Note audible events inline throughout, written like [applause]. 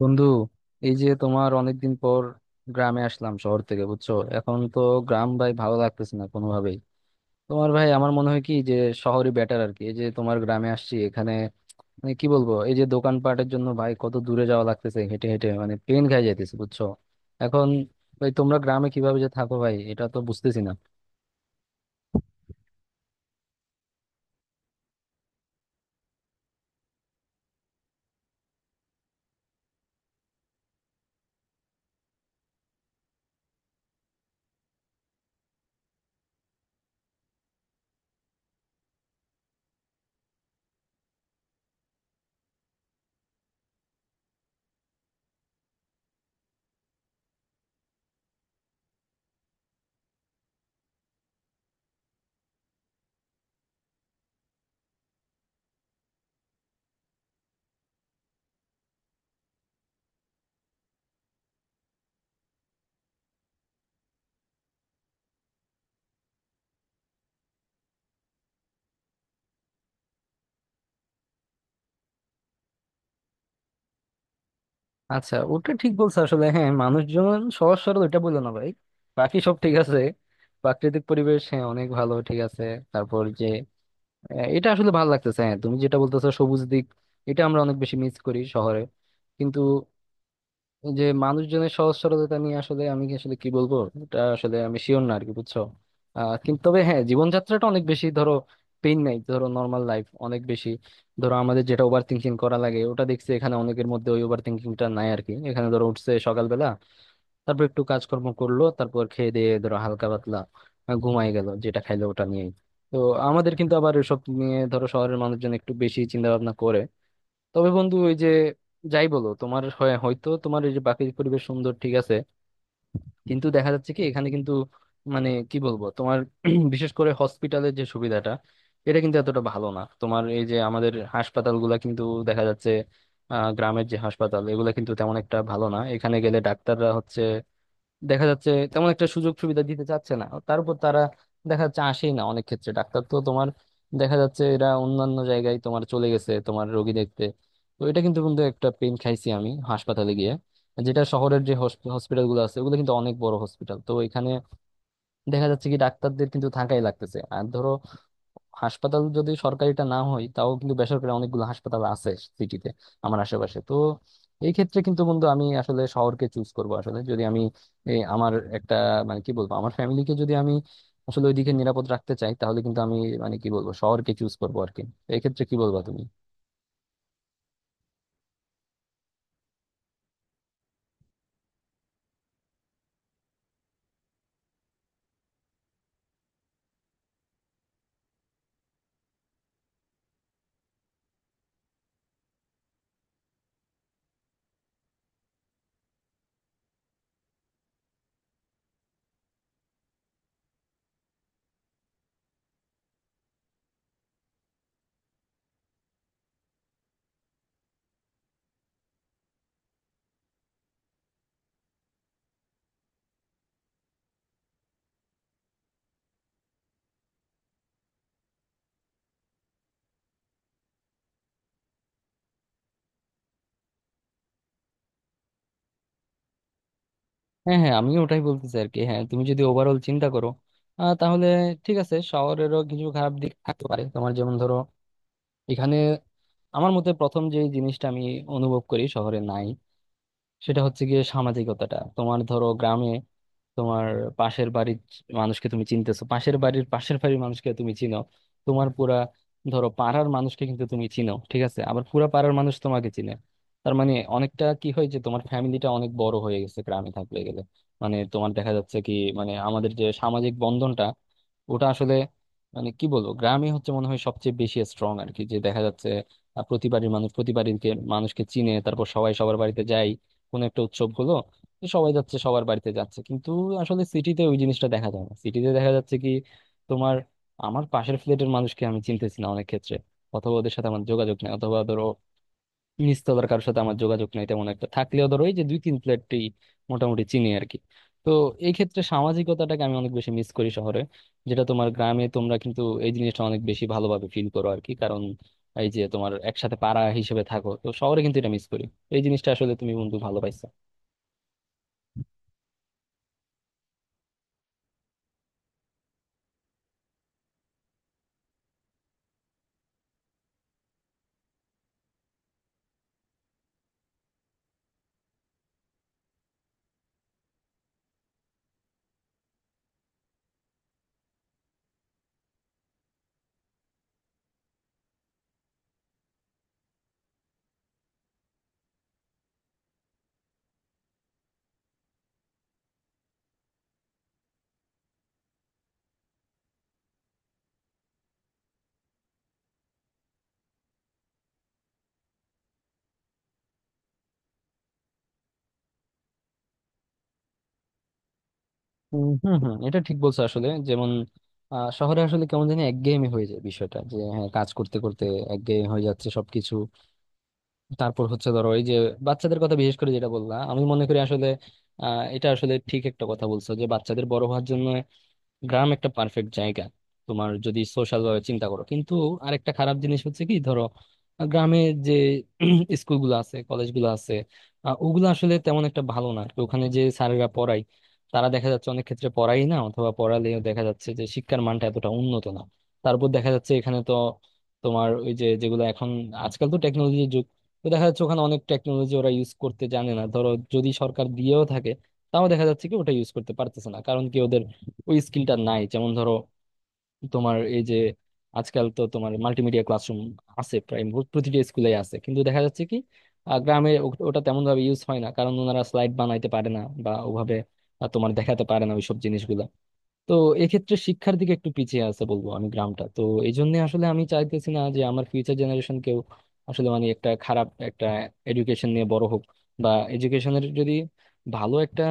বন্ধু, এই যে তোমার অনেকদিন পর গ্রামে আসলাম শহর থেকে, বুঝছো? এখন তো গ্রাম, ভাই, ভালো লাগতেছে না কোনোভাবেই। তোমার ভাই আমার মনে হয় কি যে শহরই বেটার আর কি। এই যে তোমার গ্রামে আসছি এখানে, মানে কি বলবো, এই যে দোকানপাটের জন্য ভাই কত দূরে যাওয়া লাগতেছে, হেঁটে হেঁটে মানে পেন খাই যাইতেছে, বুঝছো? এখন ভাই তোমরা গ্রামে কিভাবে যে থাকো ভাই, এটা তো বুঝতেছি না। আচ্ছা, ওটা ঠিক বলছো আসলে। হ্যাঁ, মানুষজন সহজ সরল, এটা বললো না ভাই। বাকি সব ঠিক আছে, প্রাকৃতিক পরিবেশ, হ্যাঁ, অনেক ভালো, ঠিক আছে। তারপর যে হ্যাঁ, এটা আসলে ভালো লাগতেছে। হ্যাঁ, তুমি যেটা বলতেছো সবুজ দিক, এটা আমরা অনেক বেশি মিস করি শহরে। কিন্তু এই যে মানুষজনের সহজ সরলতা নিয়ে আসলে আমি কি আসলে কি বলবো, এটা আসলে আমি শিওর না আরকি, বুঝছো? কিন্তু তবে হ্যাঁ, জীবনযাত্রাটা অনেক বেশি, ধরো পেইন নাই, ধরো নর্মাল লাইফ অনেক বেশি। ধরো আমাদের যেটা ওভার থিঙ্কিং করা লাগে, ওটা দেখছি এখানে অনেকের মধ্যে ওই ওভার থিঙ্কিংটা নাই আরকি। এখানে ধরো উঠছে সকালবেলা, তারপর একটু কাজকর্ম করলো, তারপর খেয়ে দিয়ে ধরো হালকা পাতলা ঘুমায় গেল, যেটা খাইলো ওটা নিয়েই। তো আমাদের কিন্তু আবার এসব নিয়ে, ধরো, শহরের মানুষজন একটু বেশি চিন্তা ভাবনা করে। তবে বন্ধু, ওই যে যাই বলো, তোমার হয়তো তোমার এই যে বাকি পরিবেশ সুন্দর, ঠিক আছে, কিন্তু দেখা যাচ্ছে কি এখানে কিন্তু মানে কি বলবো তোমার [clears throat] বিশেষ করে হসপিটালের যে সুবিধাটা, এটা কিন্তু এতটা ভালো না। তোমার এই যে আমাদের হাসপাতালগুলা কিন্তু দেখা যাচ্ছে, গ্রামের যে হাসপাতাল, এগুলো কিন্তু তেমন একটা ভালো না। এখানে গেলে ডাক্তাররা হচ্ছে, দেখা যাচ্ছে, তেমন একটা সুযোগ সুবিধা দিতে চাচ্ছে না। তার উপর তারা দেখা যাচ্ছে আসেই না অনেক ক্ষেত্রে। ডাক্তার তো তোমার দেখা যাচ্ছে এরা অন্যান্য জায়গায় তোমার চলে গেছে তোমার রোগী দেখতে। তো এটা কিন্তু কিন্তু একটা পেন খাইছি আমি হাসপাতালে গিয়ে। যেটা শহরের যে হসপিটাল গুলো আছে, ওগুলো কিন্তু অনেক বড় হসপিটাল, তো এখানে দেখা যাচ্ছে কি ডাক্তারদের কিন্তু থাকাই লাগতেছে। আর ধরো হাসপাতাল যদি সরকারিটা না হয়, তাও কিন্তু বেসরকারি অনেকগুলো হাসপাতাল আছে সিটিতে, আমার আশেপাশে তো। এই ক্ষেত্রে কিন্তু বন্ধু আমি আসলে শহরকে চুজ করব। আসলে যদি আমি, এই আমার একটা, মানে কি বলবো, আমার ফ্যামিলিকে যদি আমি আসলে ওইদিকে নিরাপদ রাখতে চাই, তাহলে কিন্তু আমি, মানে কি বলবো, শহরকে চুজ করবো আর কি। তো এই ক্ষেত্রে কি বলবা তুমি? হ্যাঁ, হ্যাঁ, আমিও ওটাই বলতেছি আর কি। হ্যাঁ, তুমি যদি ওভারঅল চিন্তা করো, তাহলে ঠিক আছে, শহরেরও কিছু খারাপ দিক থাকতে পারে। তোমার যেমন ধরো এখানে, আমার মতে প্রথম যে জিনিসটা আমি অনুভব করি শহরে নাই, সেটা হচ্ছে গিয়ে সামাজিকতাটা। তোমার ধরো গ্রামে তোমার পাশের বাড়ির মানুষকে তুমি চিনতেছো, পাশের বাড়ির মানুষকে তুমি চিনো, তোমার পুরা ধরো পাড়ার মানুষকে কিন্তু তুমি চিনো, ঠিক আছে? আবার পুরা পাড়ার মানুষ তোমাকে চিনে। তার মানে অনেকটা কি হয় যে তোমার ফ্যামিলিটা অনেক বড় হয়ে গেছে গ্রামে থাকলে গেলে। মানে তোমার দেখা যাচ্ছে কি, মানে আমাদের যে সামাজিক বন্ধনটা, ওটা আসলে, মানে কি বলবো, গ্রামে হচ্ছে মনে হয় সবচেয়ে বেশি স্ট্রং আর কি। যে দেখা যাচ্ছে প্রতি বাড়ির মানুষ প্রতি বাড়ির মানুষকে চিনে, তারপর সবাই সবার বাড়িতে যায়, কোনো একটা উৎসব হলো যে সবাই যাচ্ছে সবার বাড়িতে যাচ্ছে। কিন্তু আসলে সিটিতে ওই জিনিসটা দেখা যায় না। সিটিতে দেখা যাচ্ছে কি, তোমার আমার পাশের ফ্ল্যাটের মানুষকে আমি চিনতেছি না অনেক ক্ষেত্রে, অথবা ওদের সাথে আমার যোগাযোগ নেই, অথবা ধরো নিচতলার কারোর সাথে আমার যোগাযোগ নেই তেমন একটা। থাকলেও ধরো ওই যে দুই তিন ফ্ল্যাটই মোটামুটি চিনি আর কি। তো এই ক্ষেত্রে সামাজিকতাটাকে আমি অনেক বেশি মিস করি শহরে, যেটা তোমার গ্রামে তোমরা কিন্তু এই জিনিসটা অনেক বেশি ভালোভাবে ফিল করো আর কি। কারণ এই যে তোমার একসাথে পাড়া হিসেবে থাকো, তো শহরে কিন্তু এটা মিস করি, এই জিনিসটা আসলে তুমি বন্ধু ভালো পাইছো। উম, হুম, হম, এটা ঠিক বলছো আসলে। যেমন শহরে আসলে কেমন জানি একঘেয়েমি হয়ে যায় বিষয়টা, যে হ্যাঁ, কাজ করতে করতে একঘেয়েমি হয়ে যাচ্ছে সবকিছু। তারপর হচ্ছে ধরো এই যে বাচ্চাদের কথা বিশেষ করে যেটা বললা, আমি মনে করি আসলে এটা আসলে ঠিক একটা কথা বলছো যে বাচ্চাদের বড় হওয়ার জন্য গ্রাম একটা পারফেক্ট জায়গা, তোমার যদি সোশ্যাল ভাবে চিন্তা করো। কিন্তু আরেকটা খারাপ জিনিস হচ্ছে কি, ধরো গ্রামে যে [clears throat] স্কুলগুলো আছে, কলেজগুলো আছে, ওগুলো আসলে তেমন একটা ভালো না। তো ওখানে যে স্যারেরা পড়ায়, তারা দেখা যাচ্ছে অনেক ক্ষেত্রে পড়াই না, অথবা পড়ালেও দেখা যাচ্ছে যে শিক্ষার মানটা এতটা উন্নত না। তারপর দেখা যাচ্ছে এখানে তো তোমার ওই যে যেগুলো এখন, আজকাল তো টেকনোলজির যুগ, তো দেখা যাচ্ছে ওখানে অনেক টেকনোলজি ওরা ইউজ করতে জানে না। ধরো যদি সরকার দিয়েও থাকে তাও দেখা যাচ্ছে কি ওটা ইউজ করতে পারতেছে না। কারণ কি? ওই স্কিলটা নাই। যেমন ধরো তোমার এই যে আজকাল তো তোমার মাল্টিমিডিয়া ক্লাসরুম আছে প্রায় প্রতিটা স্কুলে আছে, কিন্তু দেখা যাচ্ছে কি গ্রামে ওটা তেমন ভাবে ইউজ হয় না, কারণ ওনারা স্লাইড বানাইতে পারে না বা ওভাবে তোমার দেখাতে পারে না ওইসব জিনিসগুলো। তো এক্ষেত্রে শিক্ষার দিকে একটু পিছিয়ে আছে বলবো আমি গ্রামটা। তো এই জন্য আসলে আমি চাইতেছি না যে আমার ফিউচার জেনারেশন কেউ আসলে মানে একটা খারাপ একটা এডুকেশন নিয়ে বড় হোক, বা এডুকেশনের যদি ভালো একটা,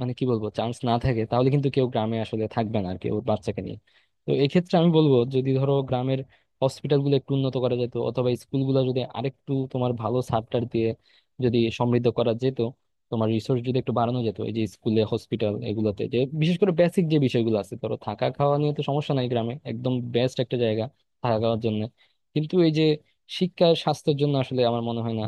মানে কি বলবো, চান্স না থাকে তাহলে কিন্তু কেউ গ্রামে আসলে থাকবে না আর কি ওর বাচ্চাকে নিয়ে। তো এক্ষেত্রে আমি বলবো যদি ধরো গ্রামের হসপিটাল গুলো একটু উন্নত করা যেত, অথবা স্কুলগুলো যদি আরেকটু তোমার ভালো সাপটার দিয়ে যদি সমৃদ্ধ করা যেত, তোমার রিসোর্স যদি একটু বাড়ানো যেত, এই যে স্কুলে হসপিটাল এগুলোতে যে বিশেষ করে বেসিক যে বিষয়গুলো আছে। ধরো থাকা খাওয়া নিয়ে তো সমস্যা নাই, গ্রামে একদম বেস্ট একটা জায়গা থাকা খাওয়ার জন্য। কিন্তু এই যে শিক্ষা স্বাস্থ্যের জন্য আসলে আমার মনে হয় না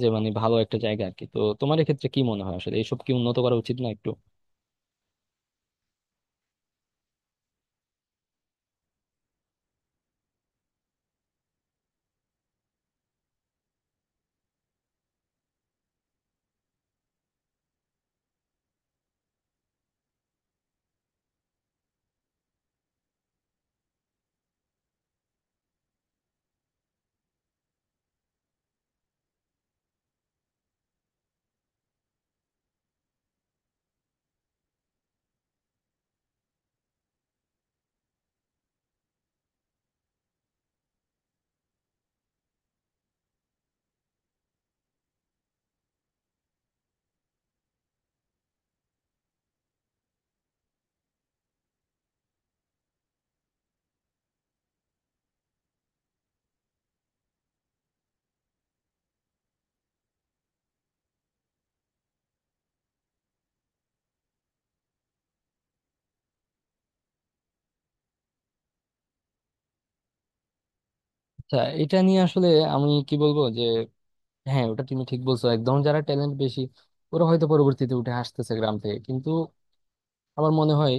যে মানে ভালো একটা জায়গা আর কি। তো তোমার এক্ষেত্রে কি মনে হয় আসলে, এইসব কি উন্নত করা উচিত না একটু? আচ্ছা, এটা নিয়ে আসলে আমি কি বলবো যে, হ্যাঁ, ওটা তুমি ঠিক বলছো একদম, যারা ট্যালেন্ট বেশি ওরা হয়তো পরবর্তীতে উঠে আসতেছে গ্রাম থেকে। কিন্তু আমার মনে হয়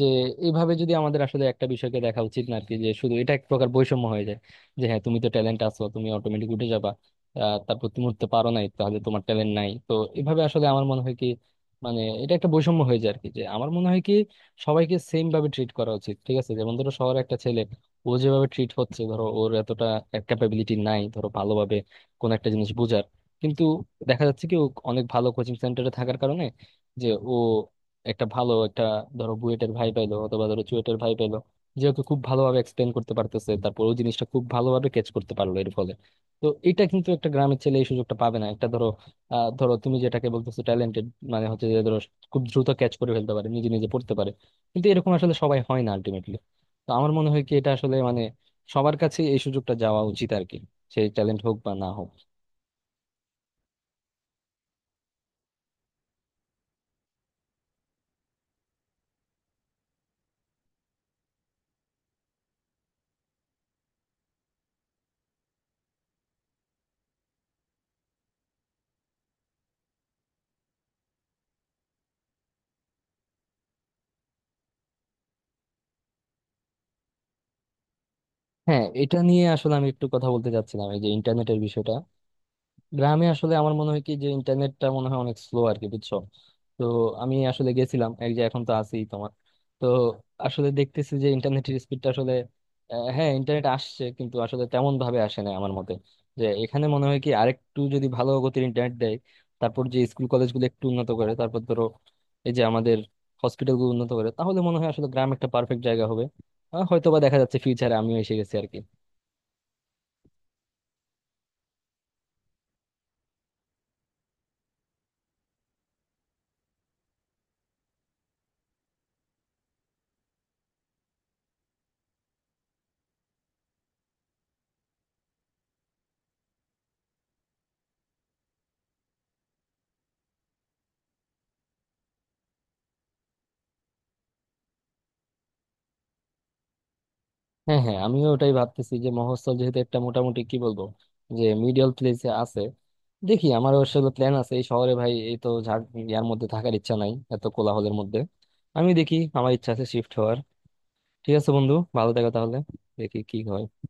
যে এইভাবে যদি আমাদের আসলে একটা বিষয়কে দেখা উচিত না আর কি, যে শুধু এটা এক প্রকার বৈষম্য হয়ে যায় যে হ্যাঁ, তুমি তো ট্যালেন্ট আছো তুমি অটোমেটিক উঠে যাবা, তারপর তুমি উঠতে পারো নাই তাহলে তোমার ট্যালেন্ট নাই। তো এভাবে আসলে আমার মনে হয় কি, মানে এটা একটা বৈষম্য হয়ে যায় আর কি। যে আমার মনে হয় কি সবাইকে সেম ভাবে ট্রিট করা উচিত, ঠিক আছে? যেমন ধরো শহরে একটা ছেলে, ও যেভাবে ট্রিট হচ্ছে, ধরো ওর এতটা ক্যাপাবিলিটি নাই ধরো ভালোভাবে কোন একটা জিনিস বোঝার, কিন্তু দেখা যাচ্ছে কি ও অনেক ভালো কোচিং সেন্টারে থাকার কারণে যে ও একটা ভালো একটা, ধরো, বুয়েটের ভাই পাইলো অথবা ধরো চুয়েটের ভাই পাইলো, যে ওকে খুব ভালোভাবে এক্সপ্লেন করতে পারতেছে, তারপর ওই জিনিসটা খুব ভালোভাবে ক্যাচ করতে পারলো এর ফলে। তো এটা কিন্তু একটা গ্রামের ছেলে এই সুযোগটা পাবে না। একটা ধরো ধরো তুমি যেটাকে বলতেছো ট্যালেন্টেড, মানে হচ্ছে যে ধরো খুব দ্রুত ক্যাচ করে ফেলতে পারে, নিজে নিজে পড়তে পারে, কিন্তু এরকম আসলে সবাই হয় না আলটিমেটলি। তো আমার মনে হয় কি এটা আসলে মানে সবার কাছে এই সুযোগটা যাওয়া উচিত আর কি, সেই ট্যালেন্ট হোক বা না হোক। হ্যাঁ, এটা নিয়ে আসলে আমি একটু কথা বলতে চাচ্ছিলাম, এই যে ইন্টারনেটের বিষয়টা। গ্রামে আসলে আমার মনে হয় কি যে ইন্টারনেটটা মনে হয় অনেক স্লো আর কি, বুঝছো? তো আমি আসলে গেছিলাম এক যে, এখন তো আছি তোমার, তো আসলে দেখতেছি যে ইন্টারনেটের স্পিডটা আসলে, হ্যাঁ, ইন্টারনেট আসছে কিন্তু আসলে তেমন ভাবে আসে না আমার মতে। যে এখানে মনে হয় কি আরেকটু যদি ভালো গতির ইন্টারনেট দেয়, তারপর যে স্কুল কলেজগুলো একটু উন্নত করে, তারপর ধরো এই যে আমাদের হসপিটালগুলো উন্নত করে, তাহলে মনে হয় আসলে গ্রাম একটা পারফেক্ট জায়গা হবে। হয়তো বা দেখা যাচ্ছে ফিউচারে আমিও এসে গেছি আর কি। হ্যাঁ, হ্যাঁ, আমিও ওটাই ভাবতেছি যে মফস্বল যেহেতু একটা মোটামুটি, কি বলবো, যে মিডিয়াল প্লেসে আছে। দেখি, আমার আসলে প্ল্যান আছে, এই শহরে ভাই এই তো ঝাড় ইয়ার মধ্যে থাকার ইচ্ছা নাই, এত কোলাহলের মধ্যে। আমি দেখি আমার ইচ্ছা আছে শিফট হওয়ার। ঠিক আছে বন্ধু, ভালো থাকো তাহলে। দেখি কি হয়।